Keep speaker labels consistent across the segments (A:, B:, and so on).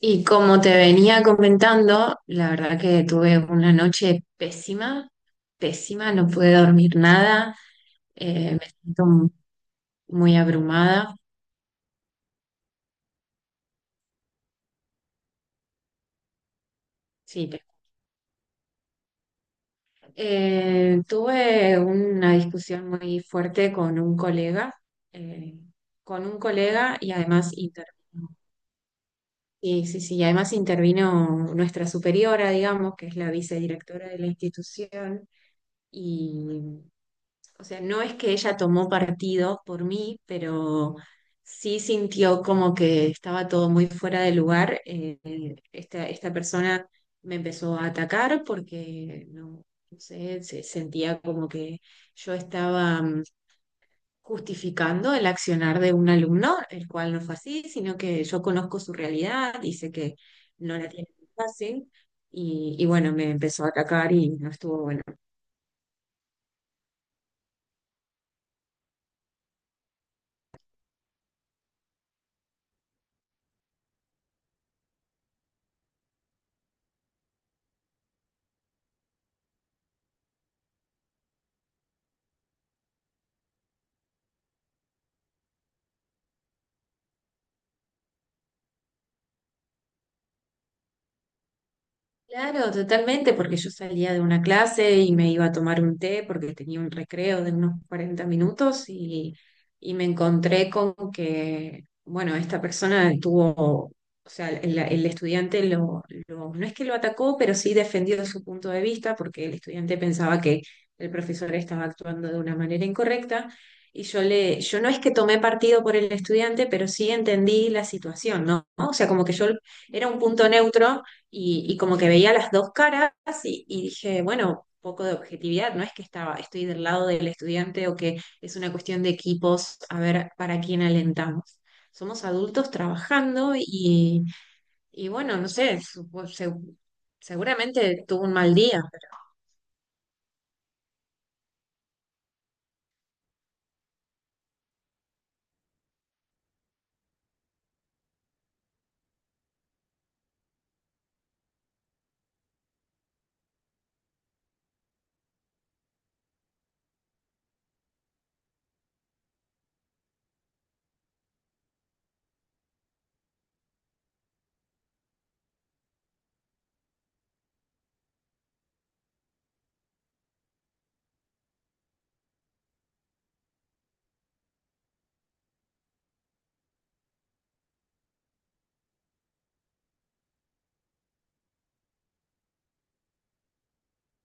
A: Y como te venía comentando, la verdad que tuve una noche pésima, pésima, no pude dormir nada. Me siento muy abrumada. Sí, te- Tuve una discusión muy fuerte eh, con un colega y además intervino, sí, sí, sí, y además intervino nuestra superiora, digamos, que es la vicedirectora de la institución. Y o sea, no es que ella tomó partido por mí, pero sí sintió como que estaba todo muy fuera de lugar. Esta persona me empezó a atacar porque, no, no sé, se sentía como que yo estaba justificando el accionar de un alumno, el cual no fue así, sino que yo conozco su realidad y sé que no la tiene fácil. Y bueno, me empezó a atacar y no estuvo bueno. Claro, totalmente, porque yo salía de una clase y me iba a tomar un té porque tenía un recreo de unos 40 minutos y me encontré con que, bueno, esta persona tuvo, o sea, el estudiante no es que lo atacó, pero sí defendió su punto de vista porque el estudiante pensaba que el profesor estaba actuando de una manera incorrecta y yo no es que tomé partido por el estudiante, pero sí entendí la situación, ¿no? O sea, como que yo era un punto neutro y como que veía las dos caras y dije, bueno, poco de objetividad, no es que estaba, estoy del lado del estudiante o que es una cuestión de equipos, a ver para quién alentamos. Somos adultos trabajando y bueno, no sé, seguramente tuvo un mal día.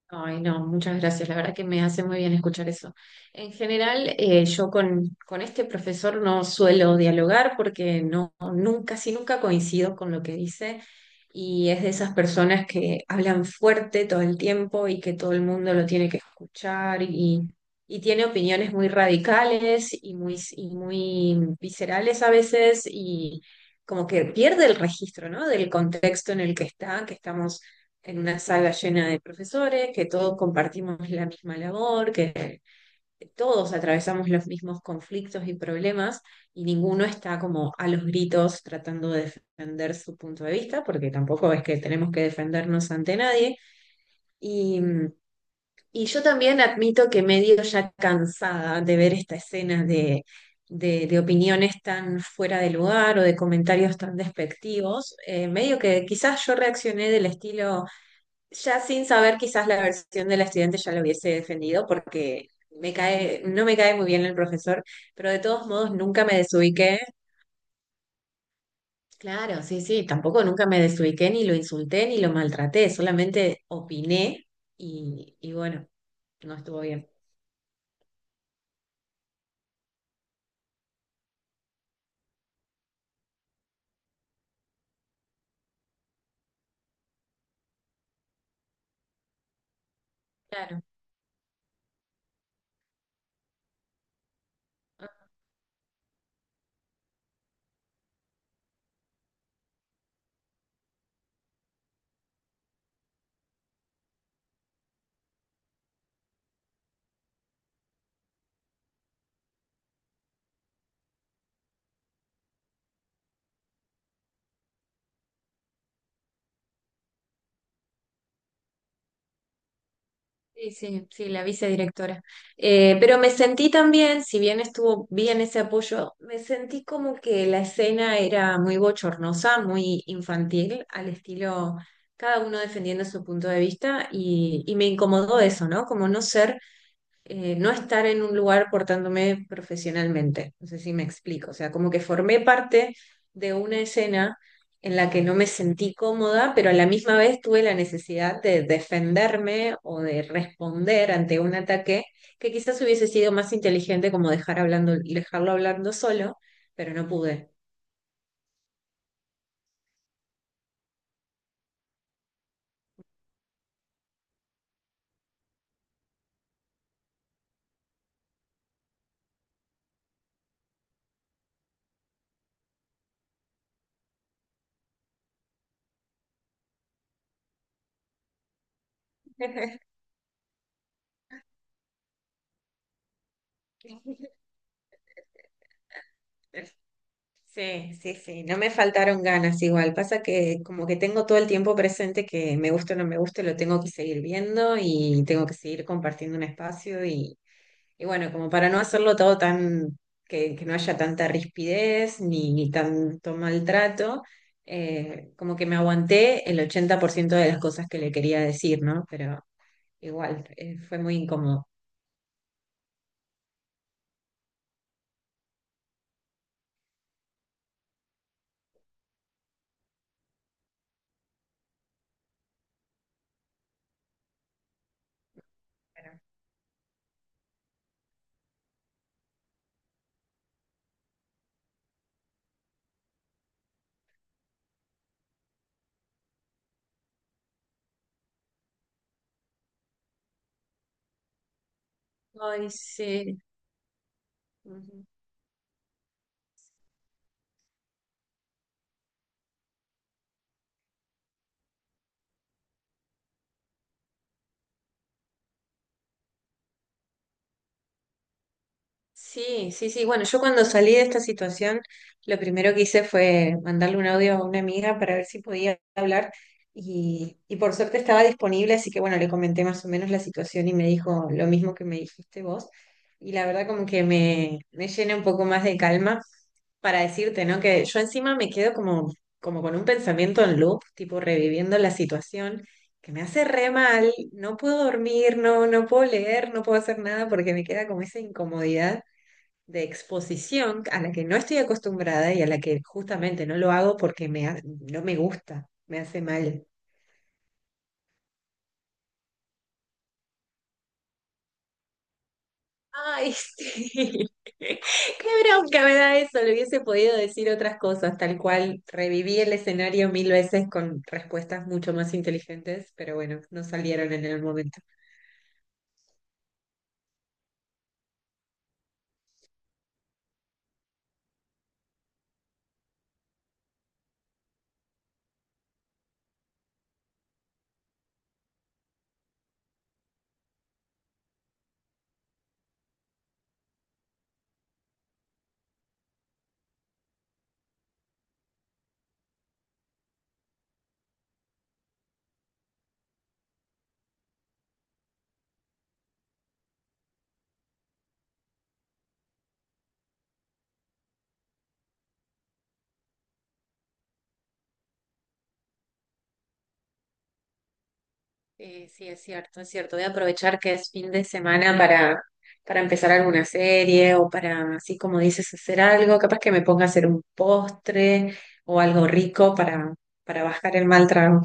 A: Ay, no, muchas gracias. La verdad que me hace muy bien escuchar eso. En general, yo con este profesor no suelo dialogar porque no, nunca, casi nunca coincido con lo que dice y es de esas personas que hablan fuerte todo el tiempo y que todo el mundo lo tiene que escuchar y tiene opiniones muy radicales y muy viscerales a veces y como que pierde el registro, ¿no? Del contexto en el que está, que estamos en una sala llena de profesores, que todos compartimos la misma labor, que todos atravesamos los mismos conflictos y problemas y ninguno está como a los gritos tratando de defender su punto de vista, porque tampoco es que tenemos que defendernos ante nadie. Y, y yo también admito que medio ya cansada de ver esta escena de... De opiniones tan fuera de lugar o de comentarios tan despectivos, medio que quizás yo reaccioné del estilo, ya sin saber quizás la versión de la estudiante ya lo hubiese defendido porque me cae, no me cae muy bien el profesor, pero de todos modos nunca me desubiqué. Claro, sí, sí, tampoco nunca me desubiqué ni lo insulté ni lo maltraté, solamente opiné y bueno, no estuvo bien. Claro. Sí, sí, sí, la vicedirectora. Pero me sentí también, si bien estuvo bien ese apoyo, me sentí como que la escena era muy bochornosa, muy infantil, al estilo cada uno defendiendo su punto de vista y me incomodó eso, ¿no? Como no ser no estar en un lugar portándome profesionalmente. No sé si me explico. O sea, como que formé parte de una escena en la que no me sentí cómoda, pero a la misma vez tuve la necesidad de defenderme o de responder ante un ataque que quizás hubiese sido más inteligente como dejar hablando, dejarlo hablando solo, pero no pude. Sí, sí, sí, no me faltaron ganas igual. Pasa que como que tengo todo el tiempo presente que me guste o no me guste, lo tengo que seguir viendo y tengo que seguir compartiendo un espacio y bueno, como para no hacerlo todo tan, que no haya tanta rispidez ni tanto maltrato, como que me aguanté el 80% de las cosas que le quería decir, ¿no? Pero igual, fue muy incómodo. Pero, ay, sí. Sí, sí, sí. Bueno, yo cuando salí de esta situación, lo primero que hice fue mandarle un audio a una amiga para ver si podía hablar y por suerte estaba disponible, así que bueno, le comenté más o menos la situación y me dijo lo mismo que me dijiste vos. Y la verdad como que me llena un poco más de calma para decirte, ¿no? Que yo encima me quedo como, como con un pensamiento en loop, tipo reviviendo la situación, que me hace re mal, no puedo dormir, no puedo leer, no puedo hacer nada porque me queda como esa incomodidad de exposición a la que no estoy acostumbrada y a la que justamente no lo hago porque no me gusta, me hace mal. Ay, sí. Qué bronca me da eso. Le hubiese podido decir otras cosas, tal cual reviví el escenario mil veces con respuestas mucho más inteligentes, pero bueno, no salieron en el momento. Sí, es cierto, es cierto. Voy a aprovechar que es fin de semana para empezar alguna serie o para, así como dices, hacer algo. Capaz que me ponga a hacer un postre o algo rico para bajar el mal trago.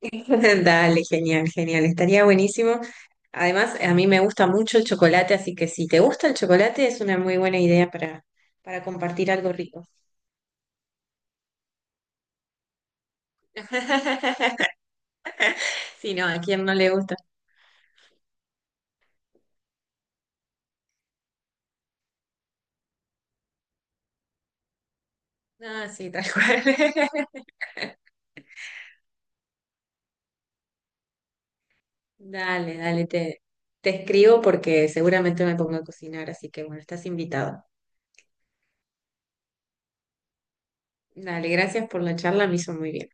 A: Dale, genial, genial. Estaría buenísimo. Además, a mí me gusta mucho el chocolate, así que si te gusta el chocolate, es una muy buena idea para compartir algo rico. Sí, no, ¿a quién no le gusta? Ah, sí, tal cual. Dale, dale, te escribo porque seguramente me pongo a cocinar, así que bueno, estás invitado. Dale, gracias por la charla, me hizo muy bien.